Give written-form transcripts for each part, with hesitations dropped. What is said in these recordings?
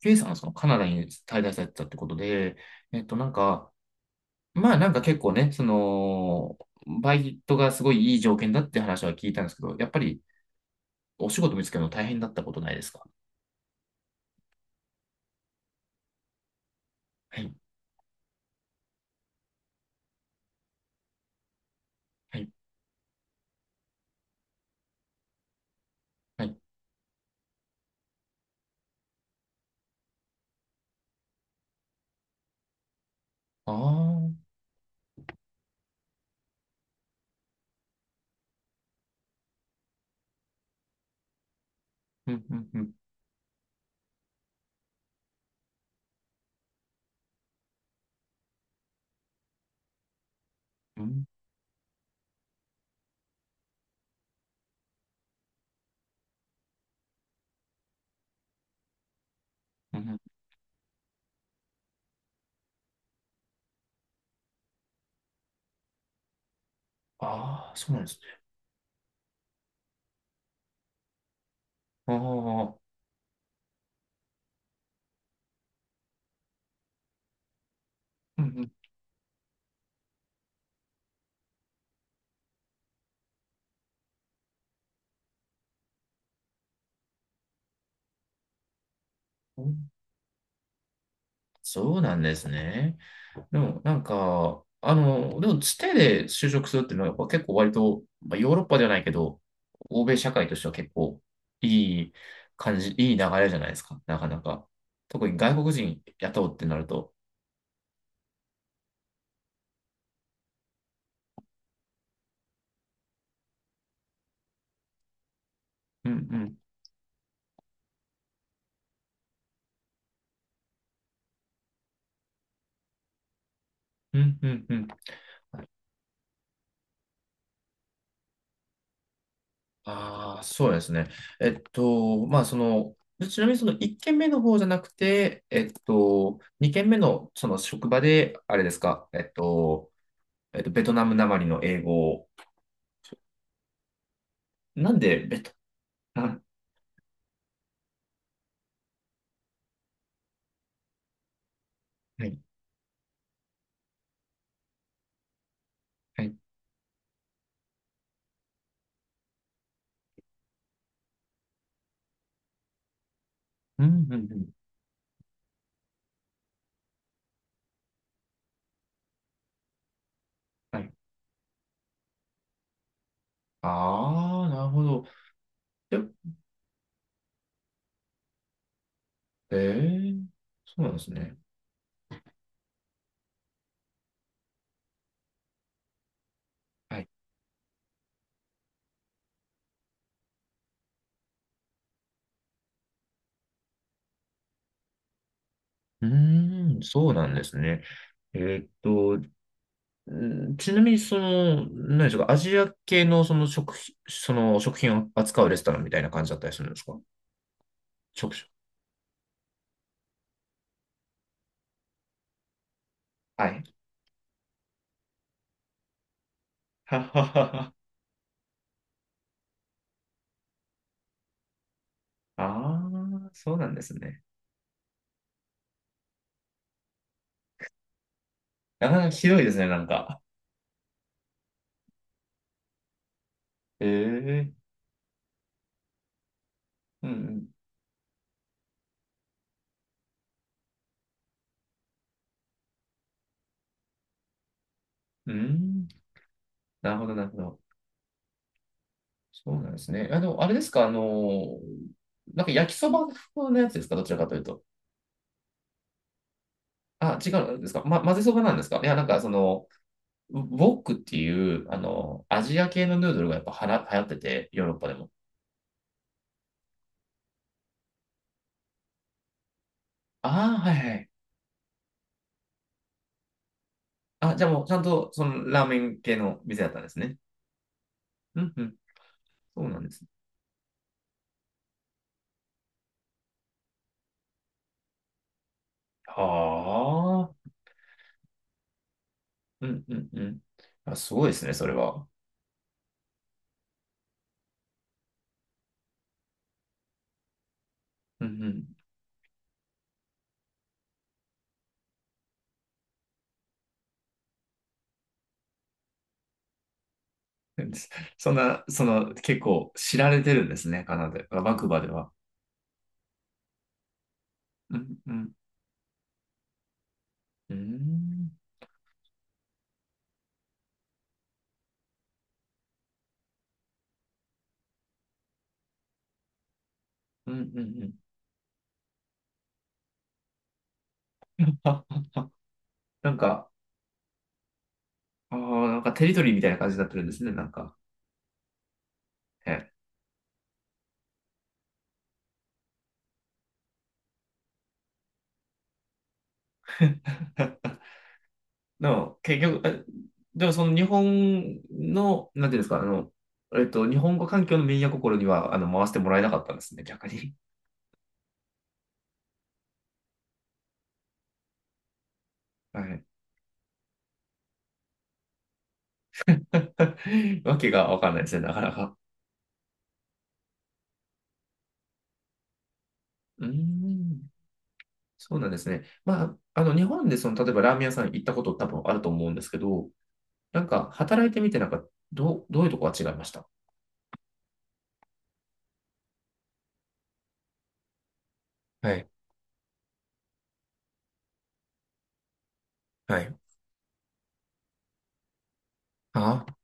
K さんはそのカナダに滞在されてたってことで、なんか、まあなんか結構ね、その、バイトがすごいいい条件だって話は聞いたんですけど、やっぱりお仕事見つけるの大変だったことないですか？はい、はい、はい。ああ、うん、うん、うん、うん、うん。ああ、そうなんですね。ああ、うん、うん。うん、そうなんですね。でも、なんか、あの、でも、つてで就職するっていうのは、やっぱ結構割と、まあ、ヨーロッパではないけど、欧米社会としては結構いい感じ、いい流れじゃないですか、なかなか。特に外国人雇うってなると。うんうん、うん、うん、うん。ああ、そうですね。まあ、その、ちなみにその1件目の方じゃなくて、2件目のその職場で、あれですか、ベトナムなまりの英語を、なんでベト、あ、はい。はい。うん、うん、うん。はい。ああ、なるほど。で、ええー、そうなんですね。はい。うーん、そうなんですね。えーっと、うん、ちなみに、その、何でしょうか、アジア系のその食品、その食品を扱うレストランみたいな感じだったりするんですか？食種。はい。はははは。ああ、そうなんですね。なかなかひどいですね、なんか。ええー、うん、うん。うーん、なるほど、なるほど。そうなんですね。あの、あれですか、あの、なんか焼きそば風のやつですか、どちらかというと。あ、違うんですか、ま、混ぜそばなんですか。いや、なんかその、ウウォックっていう、あの、アジア系のヌードルがやっぱはら流行ってて、ヨーロッパでも。ああ、はいはい。あ、じゃあもうちゃんと、その、ラーメン系の店だったんですね。うんうん。そうなんですね。はあ。うんうんうん。あ、すごいですね、それは。うんうん。そんな、その、結構知られてるんですね、カナダ、バンクーバーでは。うんうん、うーん。うんうんうん。あ、なんか、なんかテリトリーみたいな感じになってるんですね、なんか。ええ。 でも、結局、でもその日本の、なんていうんですか、あの、日本語環境のミー心には、あの、回してもらえなかったんですね、逆に。はい。わけがわかんないですね、なかなか。うーん、そうなんですね。まあ、あの、日本でその、例えばラーメン屋さん行ったこと多分あると思うんですけど、なんか、働いてみて、なんか、どういうとこが違いました？はい。はい。あ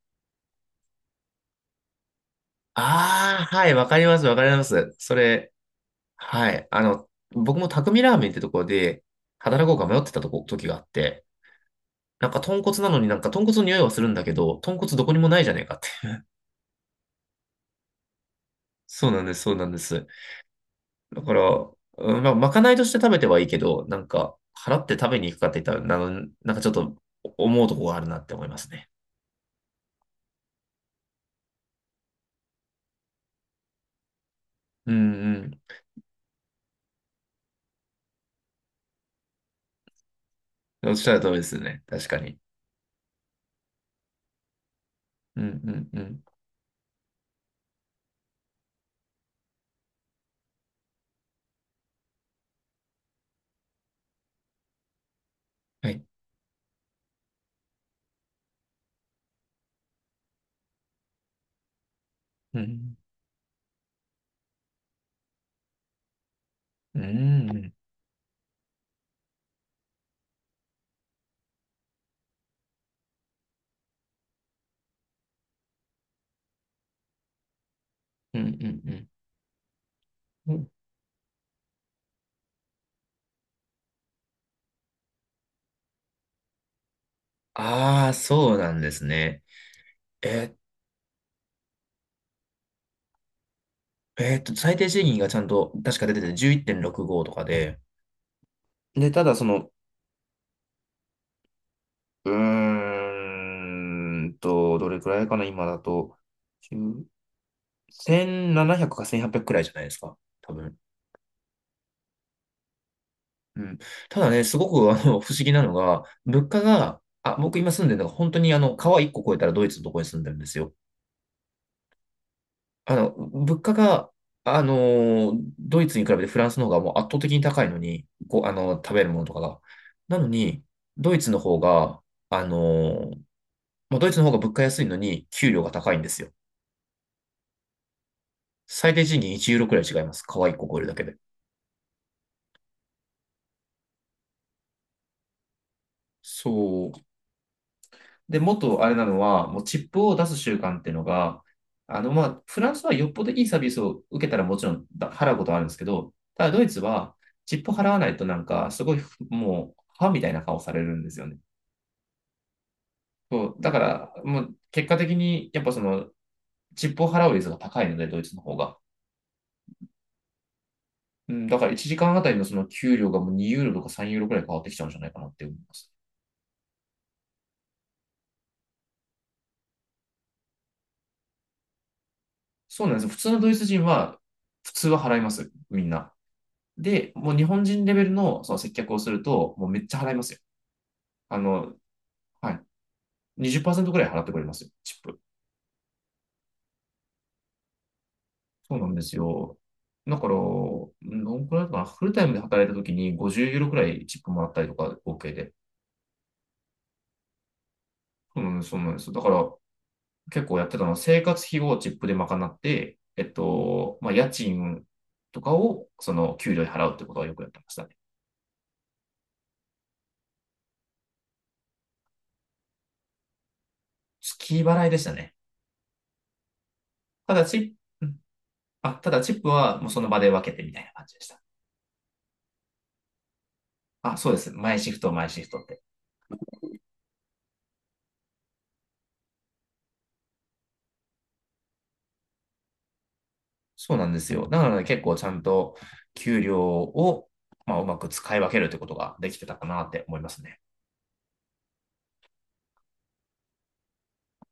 ああ、はい、わかります、わかります。それ、はい。あの、僕も匠ラーメンってとこで、働こうか迷ってた時があって、なんか豚骨なのになんか豚骨の匂いはするんだけど、豚骨どこにもないじゃねえかって。そうなんです、そうなんです。だから、うん、まあ、まかないとして食べてはいいけど、なんか、払って食べに行くかって言ったら、なんかちょっと思うとこがあるなって思いますね。うんうん。おっしゃる通りですね。確かに。うんうんうん。はい。うん。うんうんうん。うんうんうん。ああ、そうなんですね。え最低賃金がちゃんと確か出てて11.65とかで、で、ただその、うーどれくらいかな、今だと、10 1,700か1,800くくらいじゃないですか、多分。うん。ただね、すごくあの不思議なのが、物価が、あ、僕今住んでるのが本当にあの、川1個越えたらドイツのとこに住んでるんですよ。あの、物価が、あのドイツに比べてフランスの方がもう圧倒的に高いのに、こう、あの、食べるものとかが。なのに、ドイツの方が、あのドイツの方が物価安いのに、給料が高いんですよ。最低賃金1ユーロくらい違います。可愛い子超えるだけで。そう。で、もっとあれなのは、もうチップを出す習慣っていうのが、あの、まあ、フランスはよっぽどいいサービスを受けたらもちろんだ払うことはあるんですけど、ただドイツはチップ払わないとなんか、すごいもう、歯みたいな顔されるんですよね。そう、だから、もう結果的に、やっぱその、チップを払う率が高いので、ドイツの方が。うん、だから1時間あたりのその給料がもう2ユーロとか3ユーロくらい変わってきちゃうんじゃないかなって思います。そうなんですよ。普通のドイツ人は、普通は払います。みんな。で、もう日本人レベルのその接客をすると、もうめっちゃ払いますよ。あの、はい。20%ぐらい払ってくれますよ、チップ。そうなんですよ。だから、どんくらいかな、フルタイムで働いたときに50ユーロくらいチップもらったりとか、合計で。そうなんです、そうなんです。だから、結構やってたのは、生活費をチップで賄って、まあ、家賃とかを、その、給料で払うってことはよくやってましたね。月払いでしたね。ただプ、チップはもうその場で分けてみたいな感じでした。あ、そうです。毎シフト、毎シフトって。そうなんですよ。だからね、結構ちゃんと給料を、まあ、うまく使い分けるってことができてたかなって思いますね。